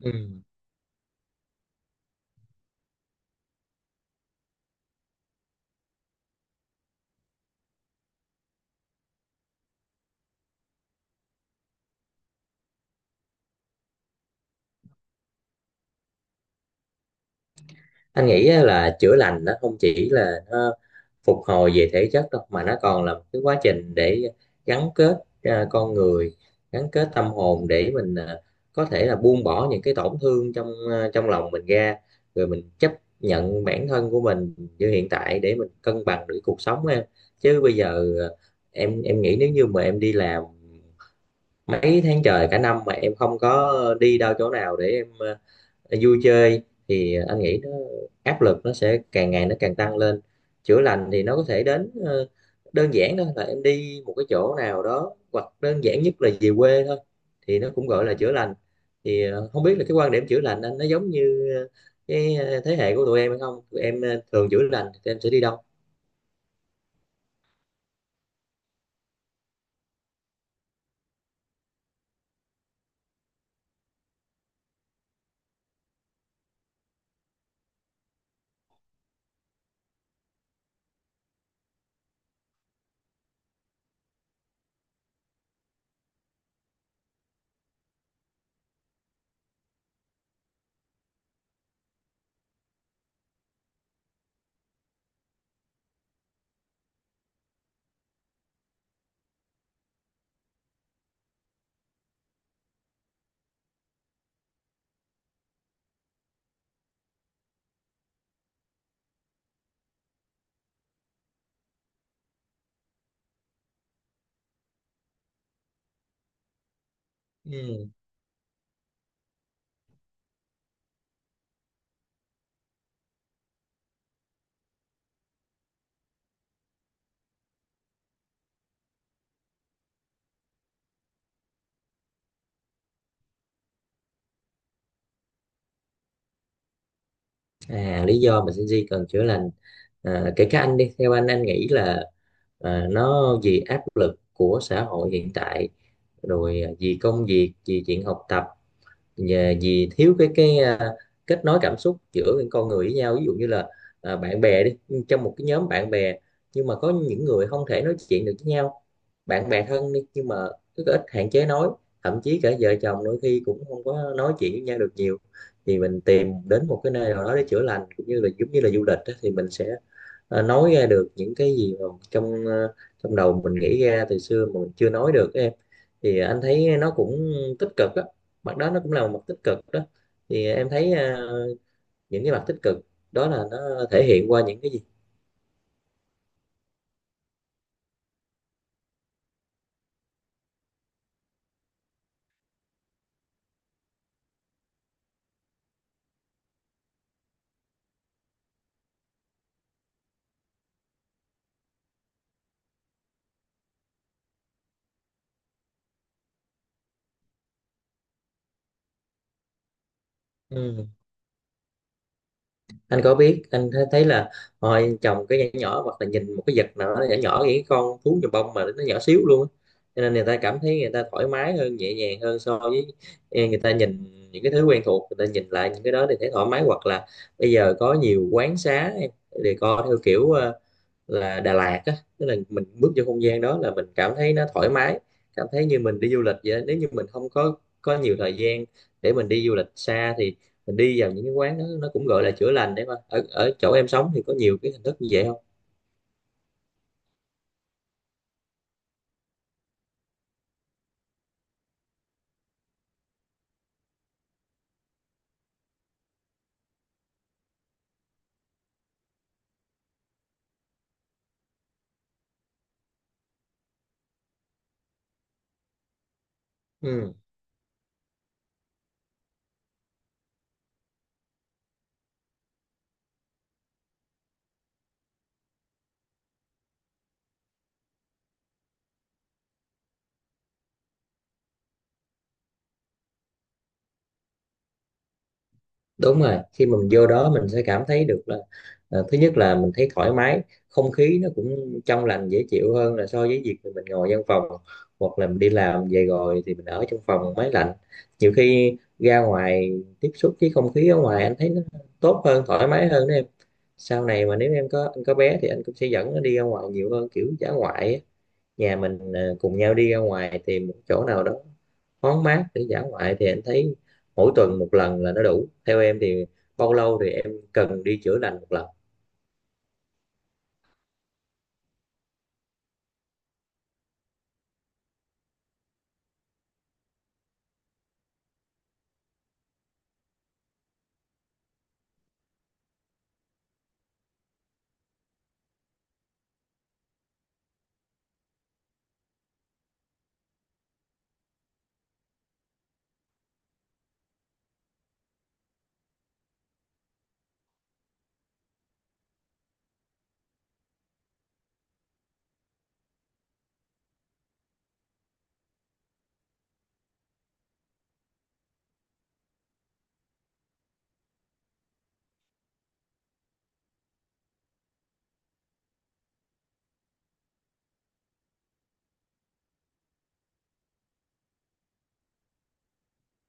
Ừ. Anh nghĩ á, là chữa lành nó không chỉ là nó phục hồi về thể chất đâu, mà nó còn là một cái quá trình để gắn kết con người, gắn kết tâm hồn để mình có thể là buông bỏ những cái tổn thương trong trong lòng mình ra, rồi mình chấp nhận bản thân của mình như hiện tại để mình cân bằng được cuộc sống em. Chứ bây giờ em nghĩ nếu như mà em đi làm mấy tháng trời cả năm mà em không có đi đâu chỗ nào để em vui chơi, thì anh nghĩ nó áp lực nó sẽ càng ngày nó càng tăng lên. Chữa lành thì nó có thể đến đơn giản thôi là em đi một cái chỗ nào đó, hoặc đơn giản nhất là về quê thôi, thì nó cũng gọi là chữa lành. Thì không biết là cái quan điểm chữa lành anh nó giống như cái thế hệ của tụi em hay không, tụi em thường chữa lành thì tụi em sẽ đi đâu? Ừ. À, lý do mà Gen Z cần chữa lành, kể cả anh đi, theo anh nghĩ là nó vì áp lực của xã hội hiện tại, rồi vì công việc, vì chuyện học tập, và vì thiếu cái kết nối cảm xúc giữa những con người với nhau. Ví dụ như là bạn bè đi, trong một cái nhóm bạn bè nhưng mà có những người không thể nói chuyện được với nhau. Bạn bè thân đi nhưng mà rất ít, hạn chế nói. Thậm chí cả vợ chồng đôi khi cũng không có nói chuyện với nhau được nhiều. Thì mình tìm đến một cái nơi nào đó để chữa lành, cũng như là giống như là du lịch á, thì mình sẽ nói ra được những cái gì mà trong trong đầu mình nghĩ ra từ xưa mà mình chưa nói được á em. Thì anh thấy nó cũng tích cực á, mặt đó nó cũng là một mặt tích cực đó. Thì em thấy những cái mặt tích cực đó là nó thể hiện qua những cái gì? Ừ. Anh có biết, anh thấy thấy là hồi trồng cái nhỏ nhỏ, hoặc là nhìn một cái vật nào đó nhỏ nhỏ, những cái con thú nhồi bông mà nó nhỏ xíu luôn á. Cho nên người ta cảm thấy người ta thoải mái hơn, nhẹ nhàng hơn. So với người ta nhìn những cái thứ quen thuộc, người ta nhìn lại những cái đó thì thấy thoải mái. Hoặc là bây giờ có nhiều quán xá em decor theo kiểu là Đà Lạt á, tức là mình bước vô không gian đó là mình cảm thấy nó thoải mái, cảm thấy như mình đi du lịch vậy đó. Nếu như mình không có có nhiều thời gian để mình đi du lịch xa, thì mình đi vào những cái quán đó, nó cũng gọi là chữa lành đấy. Mà ở ở chỗ em sống thì có nhiều cái hình thức như vậy không? Ừ, đúng rồi, khi mà mình vô đó mình sẽ cảm thấy được là thứ nhất là mình thấy thoải mái, không khí nó cũng trong lành dễ chịu hơn là so với việc mình ngồi văn phòng, hoặc là mình đi làm về rồi thì mình ở trong phòng máy lạnh. Nhiều khi ra ngoài tiếp xúc với không khí ở ngoài anh thấy nó tốt hơn, thoải mái hơn đó em. Sau này mà nếu em có, anh có bé thì anh cũng sẽ dẫn nó đi ra ngoài nhiều hơn, kiểu dã ngoại á. Nhà mình cùng nhau đi ra ngoài tìm một chỗ nào đó thoáng mát để dã ngoại thì anh thấy mỗi tuần một lần là nó đủ. Theo em thì bao lâu thì em cần đi chữa lành một lần?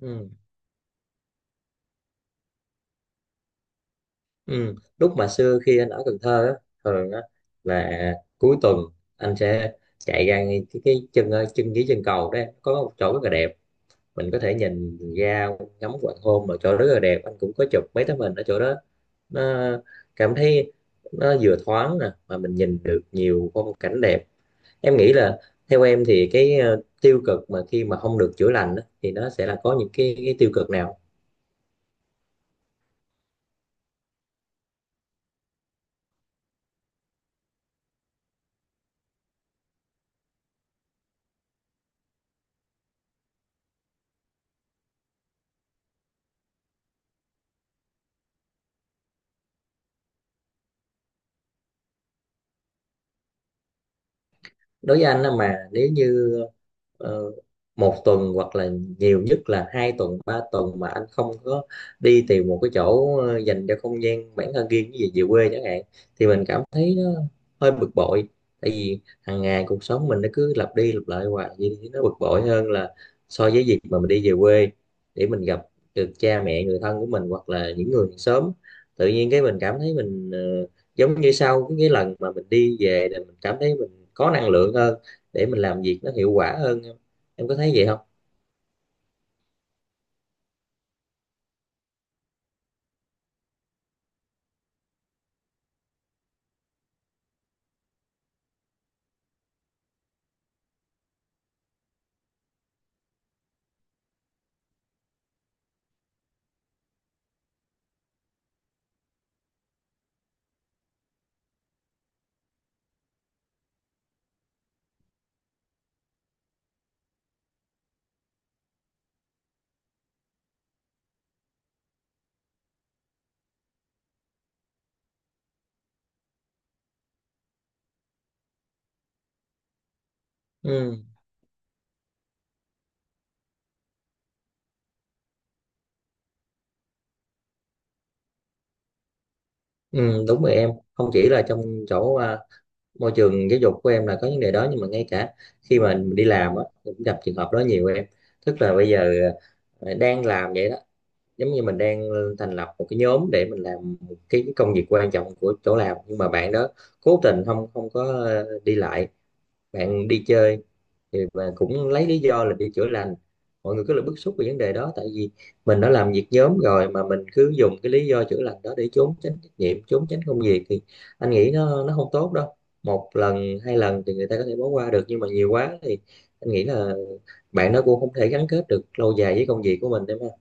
Ừ. Ừ. Lúc mà xưa khi anh ở Cần Thơ á, thường á, là cuối tuần anh sẽ chạy ra ngay cái chân chân dưới chân cầu đó em, có một chỗ rất là đẹp, mình có thể nhìn ra ngắm hoàng hôn. Mà chỗ rất là đẹp, anh cũng có chụp mấy tấm hình ở chỗ đó. Nó cảm thấy nó vừa thoáng nè, mà mình nhìn được nhiều phong cảnh đẹp. Em nghĩ là, theo em thì cái tiêu cực mà khi mà không được chữa lành á, thì nó sẽ là có những cái tiêu cực nào? Đối với anh á, mà nếu như ờ, một tuần hoặc là nhiều nhất là hai tuần ba tuần mà anh không có đi tìm một cái chỗ dành cho không gian bản thân riêng, cái gì về quê chẳng hạn, thì mình cảm thấy nó hơi bực bội. Tại vì hàng ngày cuộc sống mình nó cứ lặp đi lặp lại hoài như thế, nó bực bội hơn là so với việc mà mình đi về quê để mình gặp được cha mẹ người thân của mình, hoặc là những người sớm tự nhiên, cái mình cảm thấy mình giống như sau cái lần mà mình đi về là mình cảm thấy có năng lượng hơn, để mình làm việc nó hiệu quả hơn em. Em có thấy vậy không? Ừ, ừ, đúng rồi em, không chỉ là trong chỗ môi trường giáo dục của em là có vấn đề đó, nhưng mà ngay cả khi mà mình đi làm á mình cũng gặp trường hợp đó nhiều em. Tức là bây giờ đang làm vậy đó, giống như mình đang thành lập một cái nhóm để mình làm cái công việc quan trọng của chỗ làm, nhưng mà bạn đó cố tình không không có đi lại, bạn đi chơi, thì và cũng lấy lý do là đi chữa lành. Mọi người cứ là bức xúc về vấn đề đó, tại vì mình đã làm việc nhóm rồi mà mình cứ dùng cái lý do chữa lành đó để trốn tránh trách nhiệm, trốn tránh công việc, thì anh nghĩ nó không tốt đâu. Một lần hai lần thì người ta có thể bỏ qua được, nhưng mà nhiều quá thì anh nghĩ là bạn nó cũng không thể gắn kết được lâu dài với công việc của mình, đúng không?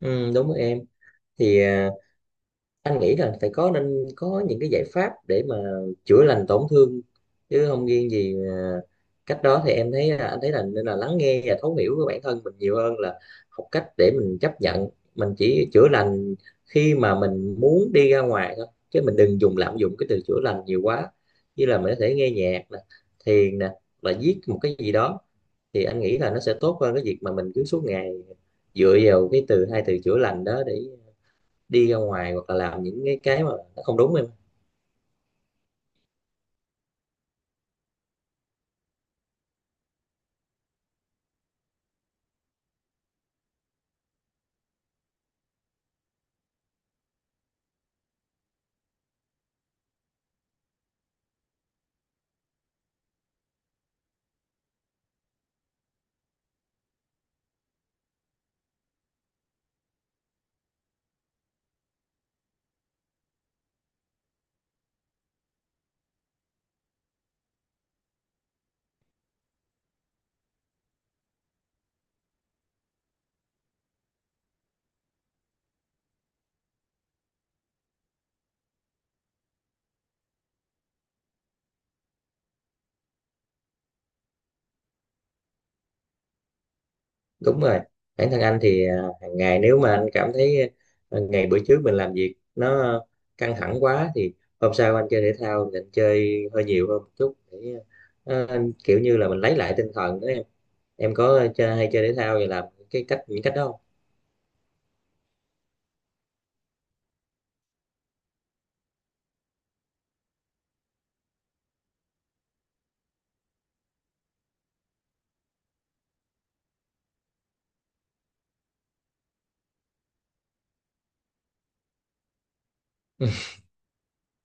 Ừ, đúng rồi em. Thì anh nghĩ là phải có, nên có những cái giải pháp để mà chữa lành tổn thương, chứ không riêng gì cách đó. Thì anh thấy là nên là lắng nghe và thấu hiểu của bản thân mình nhiều hơn, là học cách để mình chấp nhận. Mình chỉ chữa lành khi mà mình muốn đi ra ngoài thôi, chứ mình đừng dùng, lạm dụng cái từ chữa lành nhiều quá. Như là mình có thể nghe nhạc nè, thiền nè, là viết một cái gì đó, thì anh nghĩ là nó sẽ tốt hơn cái việc mà mình cứ suốt ngày dựa vào cái từ, hai từ chữa lành đó để đi ra ngoài, hoặc là làm những cái mà nó không đúng em. Đúng rồi, bản thân anh thì hàng ngày nếu mà anh cảm thấy ngày bữa trước mình làm việc nó căng thẳng quá, thì hôm sau anh chơi thể thao thì anh chơi hơi nhiều hơn một chút để anh kiểu như là mình lấy lại tinh thần đó em. Em có chơi, hay chơi thể thao và làm cái cách, những cách đó không?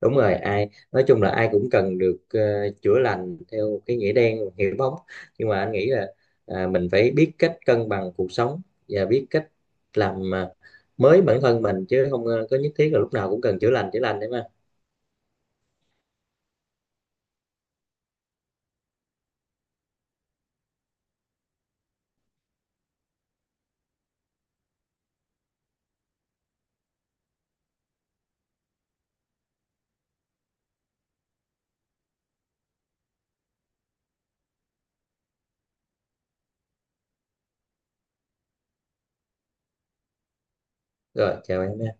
Đúng rồi, ai nói chung là ai cũng cần được chữa lành theo cái nghĩa đen hiểu bóng, nhưng mà anh nghĩ là mình phải biết cách cân bằng cuộc sống, và biết cách làm mới bản thân mình, chứ không có nhất thiết là lúc nào cũng cần chữa lành, chữa lành đấy mà. Rồi, chào em.